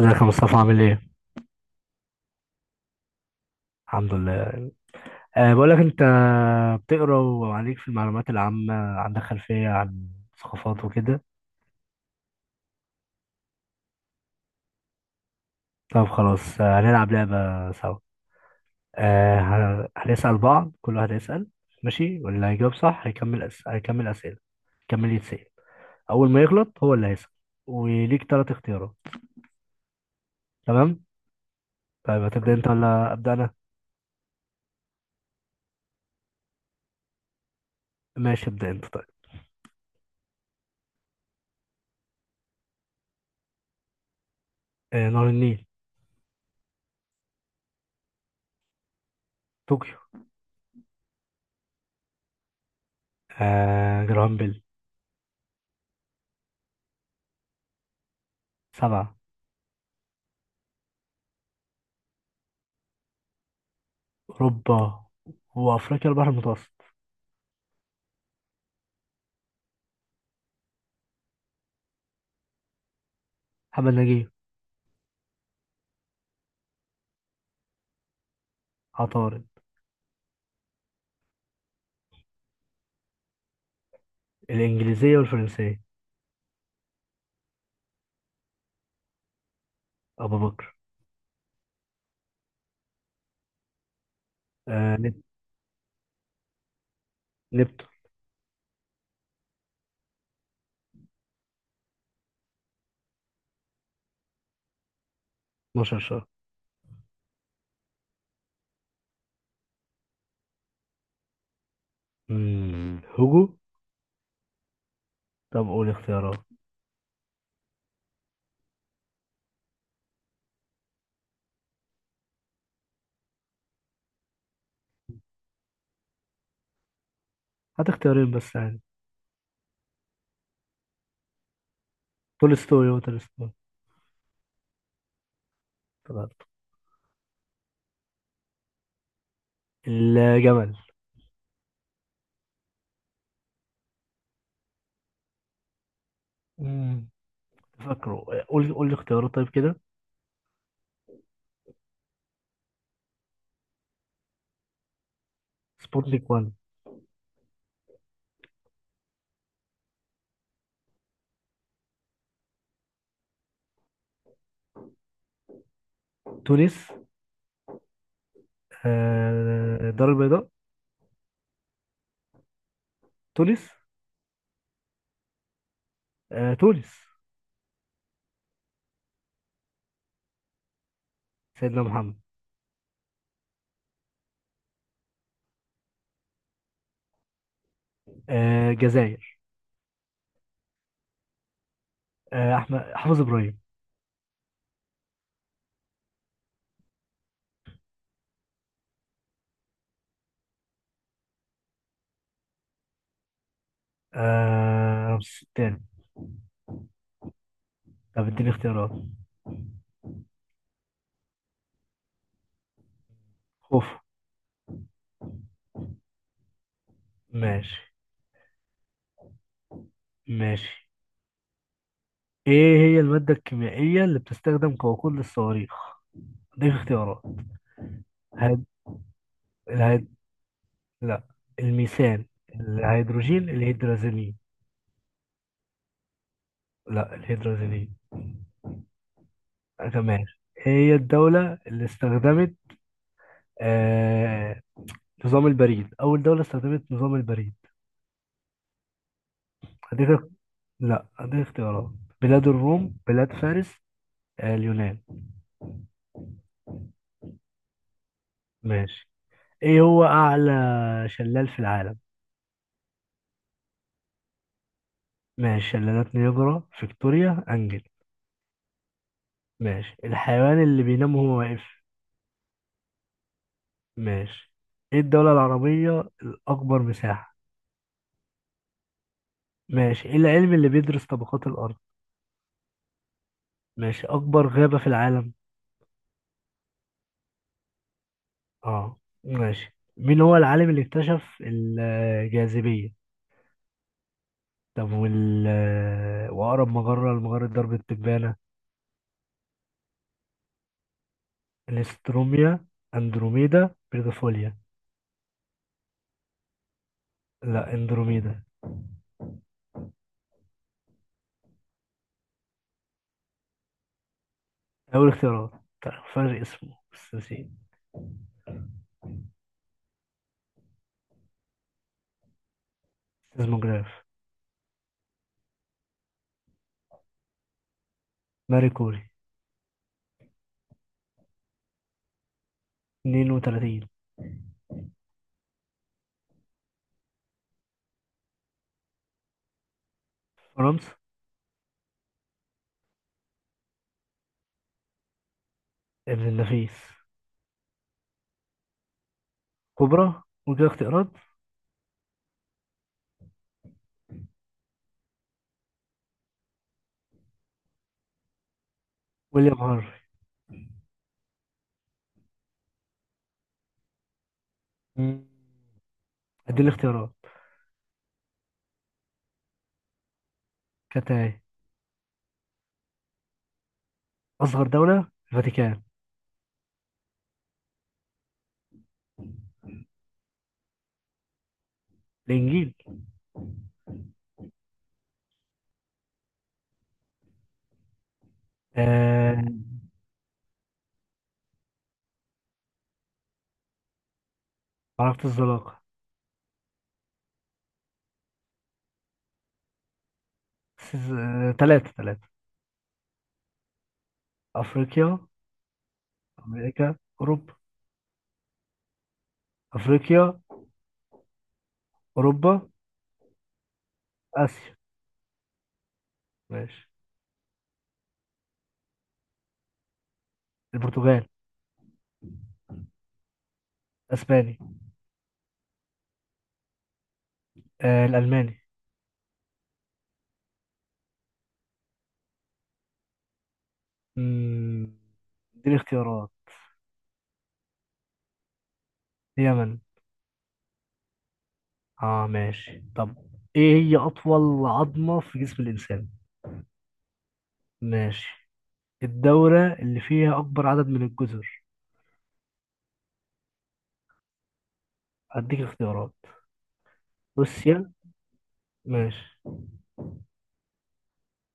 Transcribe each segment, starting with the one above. ازيك يا مصطفى عامل ايه؟ الحمد لله. بقول لك انت بتقرا وعليك في المعلومات العامة، عندك خلفية عن ثقافات وكده. طب خلاص، هنلعب لعبة سوا. هنسأل بعض، كل واحد هيسأل. ماشي، واللي هيجاوب صح هيكمل هيكمل أسئلة، هيكمل يتسأل. أول ما يغلط هو اللي هيسأل، وليك تلات اختيارات. تمام؟ طيب هتبدأ انت ولا أبدأ أنا؟ ماشي ابدأ انت طيب. نهر النيل. طوكيو. جرامبل. سبعة. أوروبا وأفريقيا البحر المتوسط. محمد نجيب. عطارد. الإنجليزية والفرنسية. أبو بكر. آه نب... نبتو. 12 شهر. هوجو. طب قول اختيارات. هات اختيارين بس يعني. تولستوي هو تولستوي. طلعت. الجمل. مم. فاكره، قول لي اختيارات طيب كده. سبوتنيك 1. تونس. الدار البيضاء. تونس. تونس. سيدنا محمد. الجزائر. احمد حافظ ابراهيم. رمسيس الثاني. طب اديني اختيارات. خوف. ماشي. ماشي، ايه هي المادة الكيميائية اللي بتستخدم كوقود للصواريخ؟ دي اختيارات. هيد... الهيد... لا الميثان. الهيدروجين الهيدرازيلين. لا الهيدرازيلين. تمام. إيه هي الدولة اللي استخدمت آه... نظام البريد؟ أول دولة استخدمت نظام البريد. هديك لا هديك اختيارات. بلاد الروم، بلاد فارس. اليونان. ماشي. ايه هو أعلى شلال في العالم؟ ماشي، شلالات نياجرا، فيكتوريا، أنجل. ماشي، الحيوان اللي بينام وهو واقف. ماشي، ايه الدولة العربية الأكبر مساحة؟ ماشي، ايه العلم اللي بيدرس طبقات الأرض؟ ماشي، أكبر غابة في العالم. اه ماشي، مين هو العالم اللي اكتشف الجاذبية؟ طب وأقرب مجرة لمجرة درب التبانة. الاستروميا، أندروميدا، بيرغفوليا. لا أندروميدا. أول اختيارات. طيب، فرق اسمه بس نسيت. سيزموجراف. ماري كوري. 32. فرنسا. ابن النفيس. كوبرا، ودي اختيارات. ويليام هنري. مم. ادي الاختيارات. كانت. اصغر دولة الفاتيكان. الانجيل. آه... عرفت الزلاقة. ثلاثة ثلاثة. افريقيا. امريكا. اوروبا. افريقيا. اوروبا. اسيا. ماشي. البرتغال. اسباني. الالماني. مم، دي الاختيارات. اليمن. اه ماشي طب، ايه هي اطول عظمة في جسم الانسان؟ ماشي، الدولة اللي فيها أكبر عدد من الجزر. هديك اختيارات. روسيا. ماشي.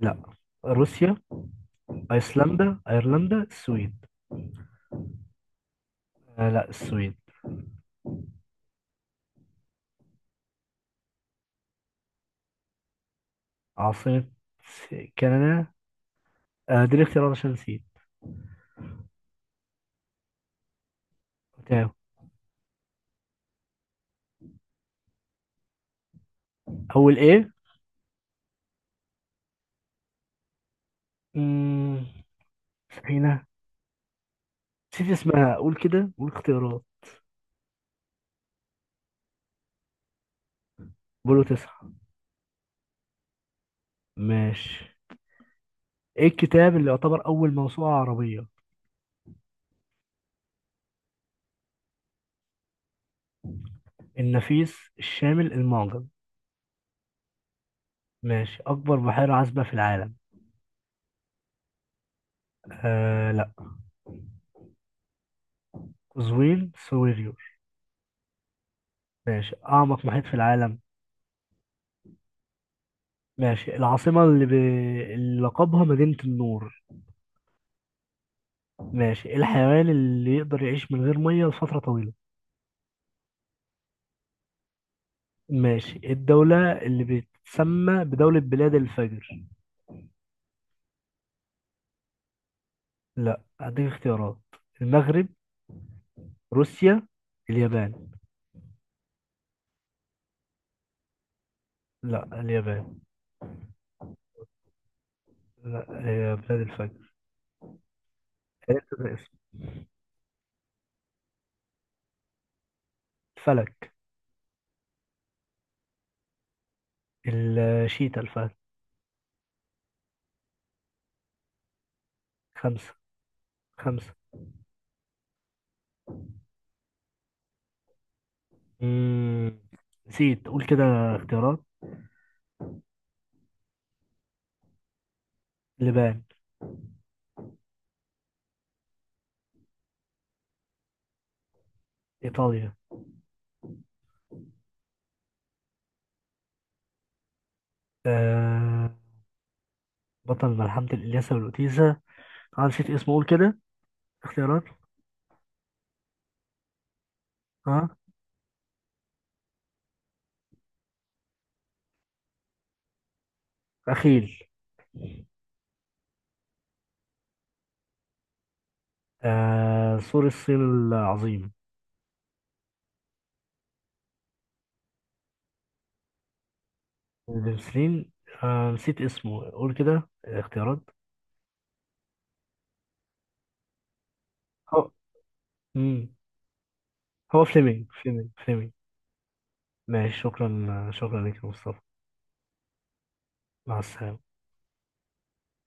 لا روسيا. أيسلندا، أيرلندا، السويد. لا السويد. عاصمة كندا. دي الاختيارات عشان نسيت. تمام. أول إيه؟ مم، سفينة. نسيت اسمها، قول كده قول اختيارات. بولو 9. ماشي. إيه الكتاب اللي يعتبر أول موسوعة عربية؟ النفيس، الشامل، المعجم. ماشي، أكبر بحيرة عذبة في العالم. لا. قزوين، سويري. ماشي، أعمق محيط في العالم. ماشي، العاصمة اللي لقبها مدينة النور. ماشي، الحيوان اللي يقدر يعيش من غير مية لفترة طويلة. ماشي، الدولة اللي بتسمى بدولة بلاد الفجر. لا هديك اختيارات. المغرب. روسيا. اليابان. لا اليابان. لا هي بلاد الفجر. عرفت الاسم. الفلك. الشيتا الفلك. خمسة. خمسة. مم. نسيت، قول كده اختيارات. لبنان. إيطاليا. آه. بطل ملحمة الإلياسة والأوتيسة، أنا نسيت اسمه قول كده اختيارات. ها. أخيل. سور الصين العظيم. السليم. نسيت اسمه قول كده اختيارات. هو. مم. هو فليمنج، فليمنج. ماشي، شكرا لك يا مصطفى. مع السلامة.